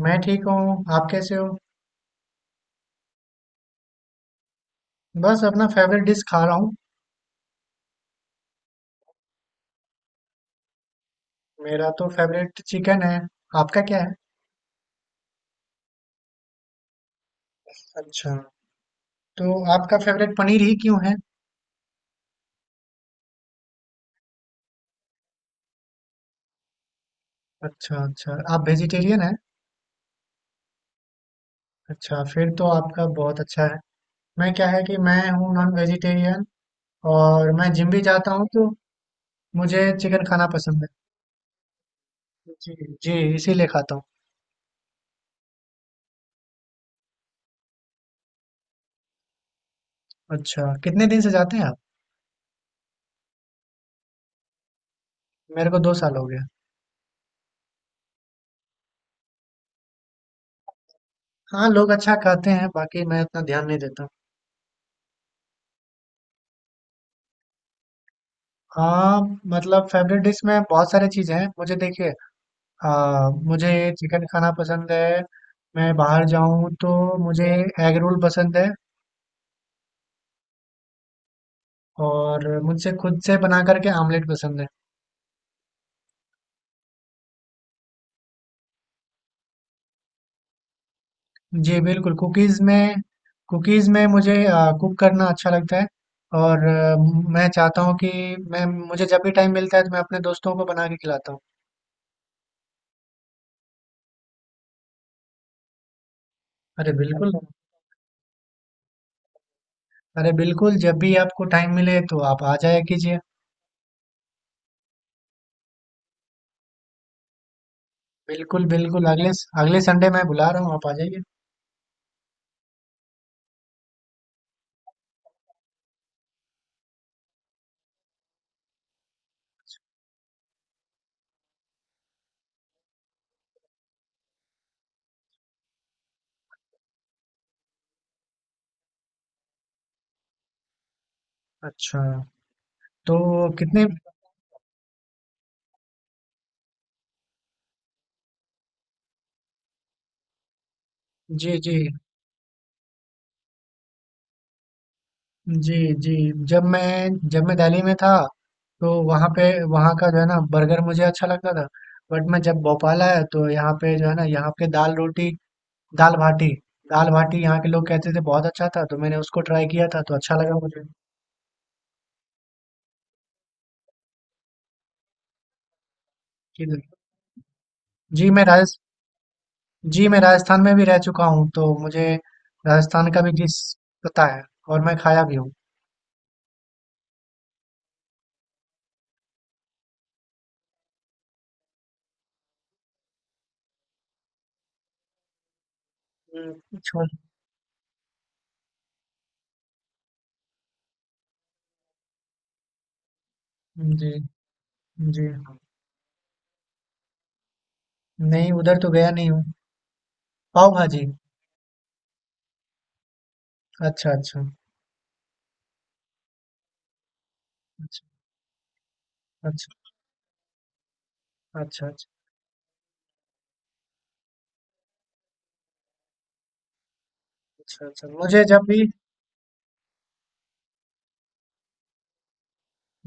मैं ठीक हूँ। आप कैसे हो? बस अपना फेवरेट डिश खा रहा हूँ। मेरा तो फेवरेट चिकन है। आपका क्या है? अच्छा। तो आपका फेवरेट पनीर ही क्यों है? अच्छा, अच्छा, आप वेजिटेरियन हैं? अच्छा, फिर तो आपका बहुत अच्छा है। मैं क्या है कि मैं हूँ नॉन वेजिटेरियन। और मैं जिम भी जाता हूँ, तो मुझे चिकन खाना पसंद है। जी, जी, इसीलिए खाता हूँ। अच्छा, कितने दिन से जाते हैं आप? मेरे को 2 साल हो गया। हाँ, लोग अच्छा खाते हैं, बाकी मैं इतना ध्यान नहीं देता। हाँ। मतलब फेवरेट डिश में बहुत सारी चीज़ें हैं मुझे। देखिए, मुझे चिकन खाना पसंद है। मैं बाहर जाऊं तो मुझे एग रोल पसंद है। और मुझसे खुद से बना करके आमलेट पसंद है। जी, बिल्कुल। कुकीज़ में मुझे कुक करना अच्छा लगता है। और मैं चाहता हूँ कि मैं मुझे जब भी टाइम मिलता है तो मैं अपने दोस्तों को बना के खिलाता हूँ। अरे, बिल्कुल। अरे, बिल्कुल, जब भी आपको टाइम मिले तो आप आ जाया कीजिए। बिल्कुल, बिल्कुल, अगले संडे मैं बुला रहा हूँ, आप आ जाइए। अच्छा। तो कितने। जी, जी, जी, जी, जब मैं जब मैं दिल्ली में था, तो वहाँ पे वहाँ का जो है ना बर्गर मुझे अच्छा लगता था, बट मैं जब भोपाल आया तो यहाँ पे जो है ना, यहाँ पे दाल-रोटी, दाल-बाटी। दाल-बाटी यहाँ के लोग कहते थे, बहुत अच्छा था, तो मैंने उसको ट्राई किया था, तो अच्छा लगा मुझे। जी, जी, मैं राजस जी, मैं राजस्थान में भी रह चुका हूँ, तो मुझे राजस्थान का भी डिश पता है और मैं खाया भी हूँ। हुँ। जी, जी। नहीं, उधर तो गया नहीं हूँ। पाव भाजी? अच्छा, अच्छा, अच्छा, अच्छा, अच्छा, अच्छा। अच्छा, अच्छा। मुझे जब भी।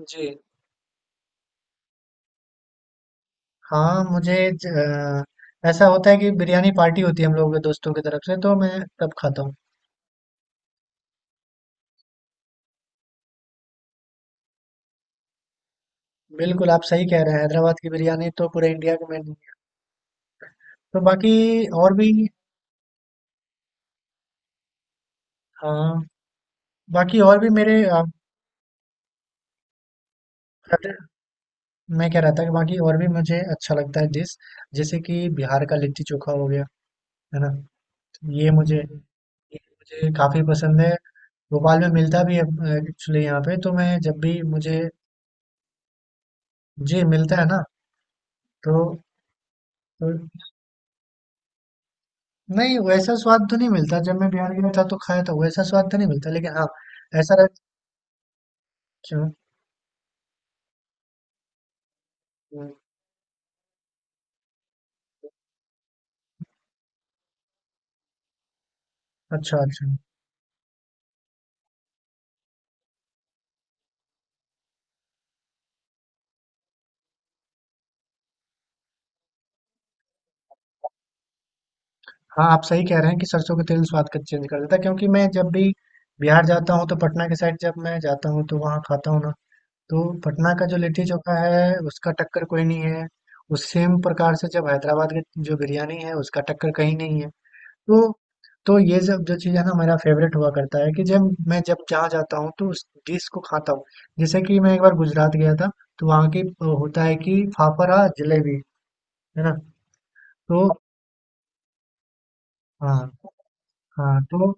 जी। हाँ, मुझे ऐसा होता है कि बिरयानी पार्टी होती है हम लोगों के दोस्तों की तरफ से, तो मैं तब खाता हूँ। बिल्कुल, आप सही कह रहे हैं, हैदराबाद की बिरयानी तो पूरे इंडिया की मेन। तो बाकी और भी। हाँ, बाकी और भी मेरे फेवरेट। मैं कह रहा था कि बाकी और भी मुझे अच्छा लगता है डिश, जैसे कि बिहार का लिट्टी चोखा हो गया, है ना? ये मुझे ये मुझे काफ़ी पसंद है। भोपाल में मिलता भी है। एक्चुअली यहाँ पे तो मैं जब भी मुझे। जी, मिलता है ना। तो तो नहीं वैसा स्वाद तो नहीं मिलता, जब मैं बिहार गया था तो खाया था, वैसा स्वाद तो नहीं मिलता, लेकिन हाँ ऐसा रह। अच्छा, अच्छा। हाँ, आप सही कह रहे हैं कि सरसों का तेल स्वाद का चेंज कर देता है, क्योंकि मैं जब भी बिहार जाता हूँ तो पटना के साइड जब मैं जाता हूँ तो वहाँ खाता हूँ ना। तो पटना का जो लिट्टी चोखा है, उसका टक्कर कोई नहीं है। उस सेम प्रकार से जब हैदराबाद की जो बिरयानी है, उसका टक्कर कहीं नहीं है। तो तो ये सब जो चीज़ है ना, मेरा फेवरेट हुआ करता है कि जब मैं जब जहाँ जाता हूँ तो उस डिश को खाता हूँ। जैसे कि मैं एक बार गुजरात गया था, तो वहाँ की होता है कि फाफड़ा जलेबी, है ना? तो। हाँ, हाँ। तो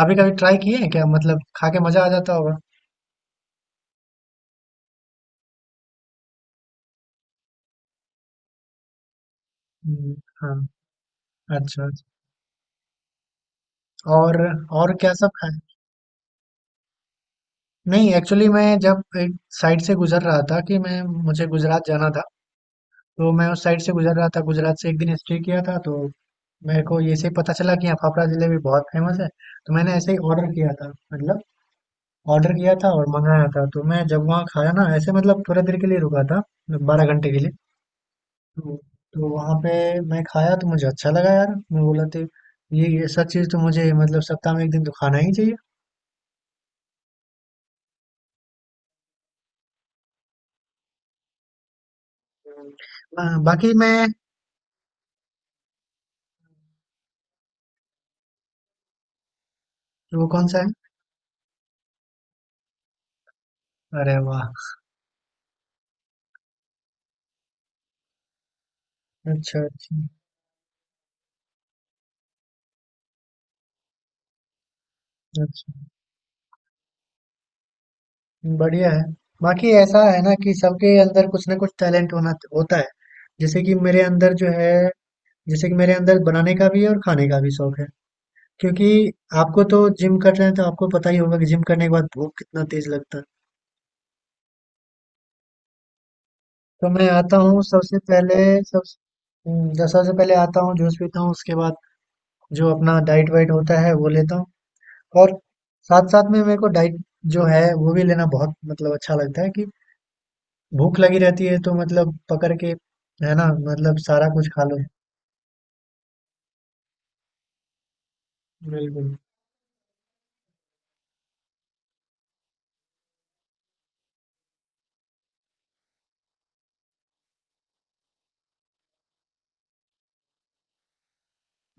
अभी कभी ट्राई किए हैं क्या, मतलब खा के मजा आ जाता होगा? हम्म, हाँ। अच्छा, अच्छा। और और क्या सब खाए। नहीं, एक्चुअली मैं जब एक साइड से गुजर रहा था कि मैं मुझे गुजरात जाना था, तो मैं उस साइड से गुज़र रहा था, गुजरात से 1 दिन स्टे किया था, तो मेरे को ऐसे ही पता चला कि यहाँ फाफड़ा जलेबी बहुत फेमस है, तो मैंने ऐसे ही ऑर्डर किया था, मतलब ऑर्डर किया था और मँगाया था। तो मैं जब वहाँ खाया ना, ऐसे मतलब थोड़ी देर के लिए रुका था, 12 घंटे के लिए। तो तो वहाँ पे मैं खाया तो मुझे अच्छा लगा यार, मैं बोला तो ये सब चीज़ तो मुझे मतलब सप्ताह में 1 दिन तो खाना ही चाहिए। हाँ, बाकी मैं। वो कौन सा है? अरे वाह! अच्छा, अच्छा, अच्छा। बढ़िया है। बाकी ऐसा है ना कि सबके अंदर कुछ ना कुछ टैलेंट होना होता है। जैसे कि मेरे अंदर जो है, जैसे कि मेरे अंदर बनाने का भी है और खाने का भी शौक है। क्योंकि आपको तो जिम कर रहे हैं तो आपको पता ही होगा कि जिम करने के बाद भूख कितना तेज लगता है। तो मैं आता हूँ सबसे पहले सब। जब सबसे पहले आता हूँ जूस पीता हूँ, उसके बाद जो अपना डाइट वाइट होता है वो लेता हूँ। और साथ साथ में मेरे को डाइट जो है वो भी लेना बहुत मतलब अच्छा लगता है कि भूख लगी रहती है, तो मतलब पकड़ के, है ना? मतलब सारा कुछ खा लो। बिल्कुल।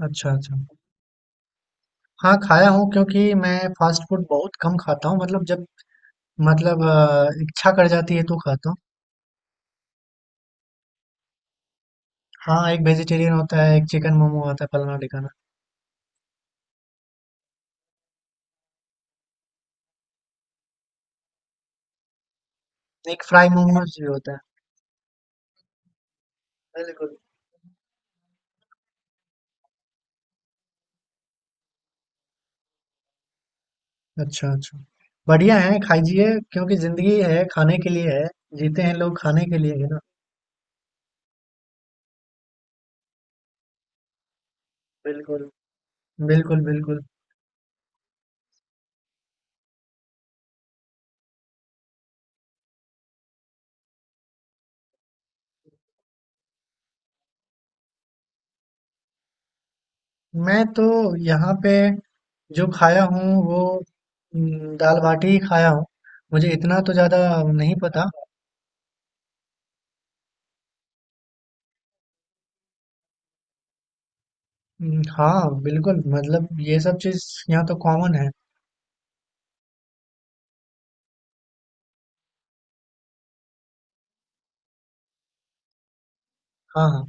अच्छा, अच्छा। हाँ, खाया हूँ, क्योंकि मैं फ़ास्ट फूड बहुत कम खाता हूँ, मतलब जब मतलब इच्छा कर जाती है तो खाता हूँ। हाँ, एक वेजिटेरियन होता है, एक चिकन मोमो आता है फलाना-ढिकाना, एक फ्राई मोमोज़ भी होता है। बिल्कुल। अच्छा, अच्छा। बढ़िया है, खाइए, क्योंकि ज़िंदगी है, खाने के लिए है, जीते हैं लोग खाने के लिए ही ना। बिल्कुल। बिल्कुल, बिल्कुल। मैं तो यहाँ पे जो खाया हूँ वो दाल बाटी ही खाया हूँ। मुझे इतना तो ज़्यादा नहीं पता। हाँ, बिल्कुल, मतलब ये सब चीज़ यहाँ तो कॉमन है। हाँ, हाँ।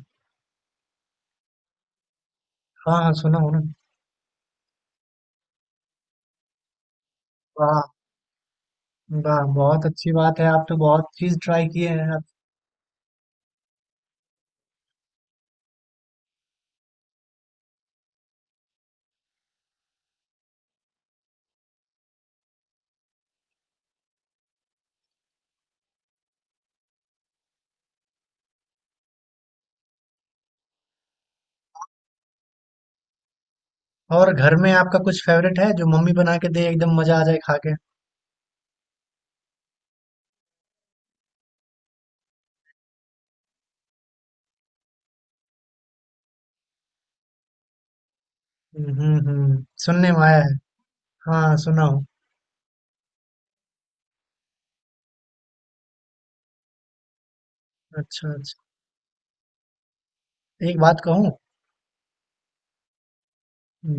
हाँ, हाँ, सुना हूँ ना। वाह। वाह, बहुत अच्छी बात है, आप तो बहुत चीज़ ट्राई किए हैं आप। और घर में आपका कुछ फेवरेट है जो मम्मी बना के दे, एकदम मज़ा आ जाए खा के? हम्म, हम्म, सुनने में आया है। हाँ, सुना हूँ। अच्छा, अच्छा। एक बात कहूँ?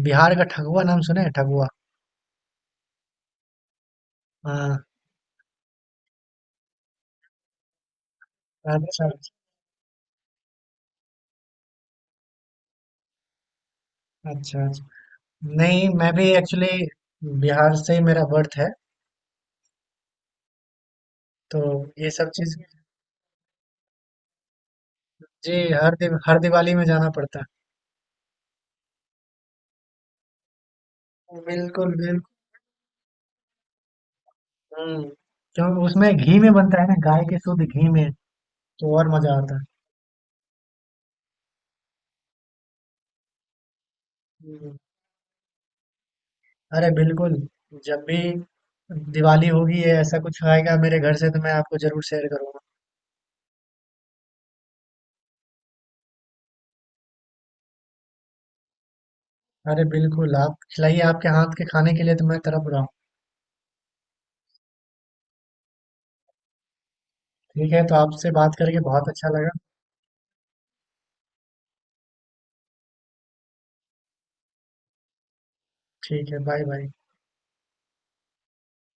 बिहार का ठगुआ नाम सुने हैं, ठगुआ? हाँ। राजस्थान। अच्छा, अच्छा। नहीं, मैं भी एक्चुअली बिहार से ही मेरा बर्थ है, तो ये सब चीज। जी, हर दिवाली में जाना पड़ता है। बिल्कुल, बिल्कुल। हम्म क्योंकि उसमें घी में बनता है ना, गाय के शुद्ध घी में, तो और मजा आता है। हम्म। अरे, बिल्कुल, जब भी दिवाली होगी या ऐसा कुछ आएगा मेरे घर से तो मैं आपको जरूर शेयर करूंगा। अरे, बिल्कुल, आप खिलाइए, आपके हाथ के खाने के लिए तो मैं तरफ रहा हूँ। ठीक है, तो आपसे बात करके बहुत अच्छा लगा। ठीक है। Bye bye.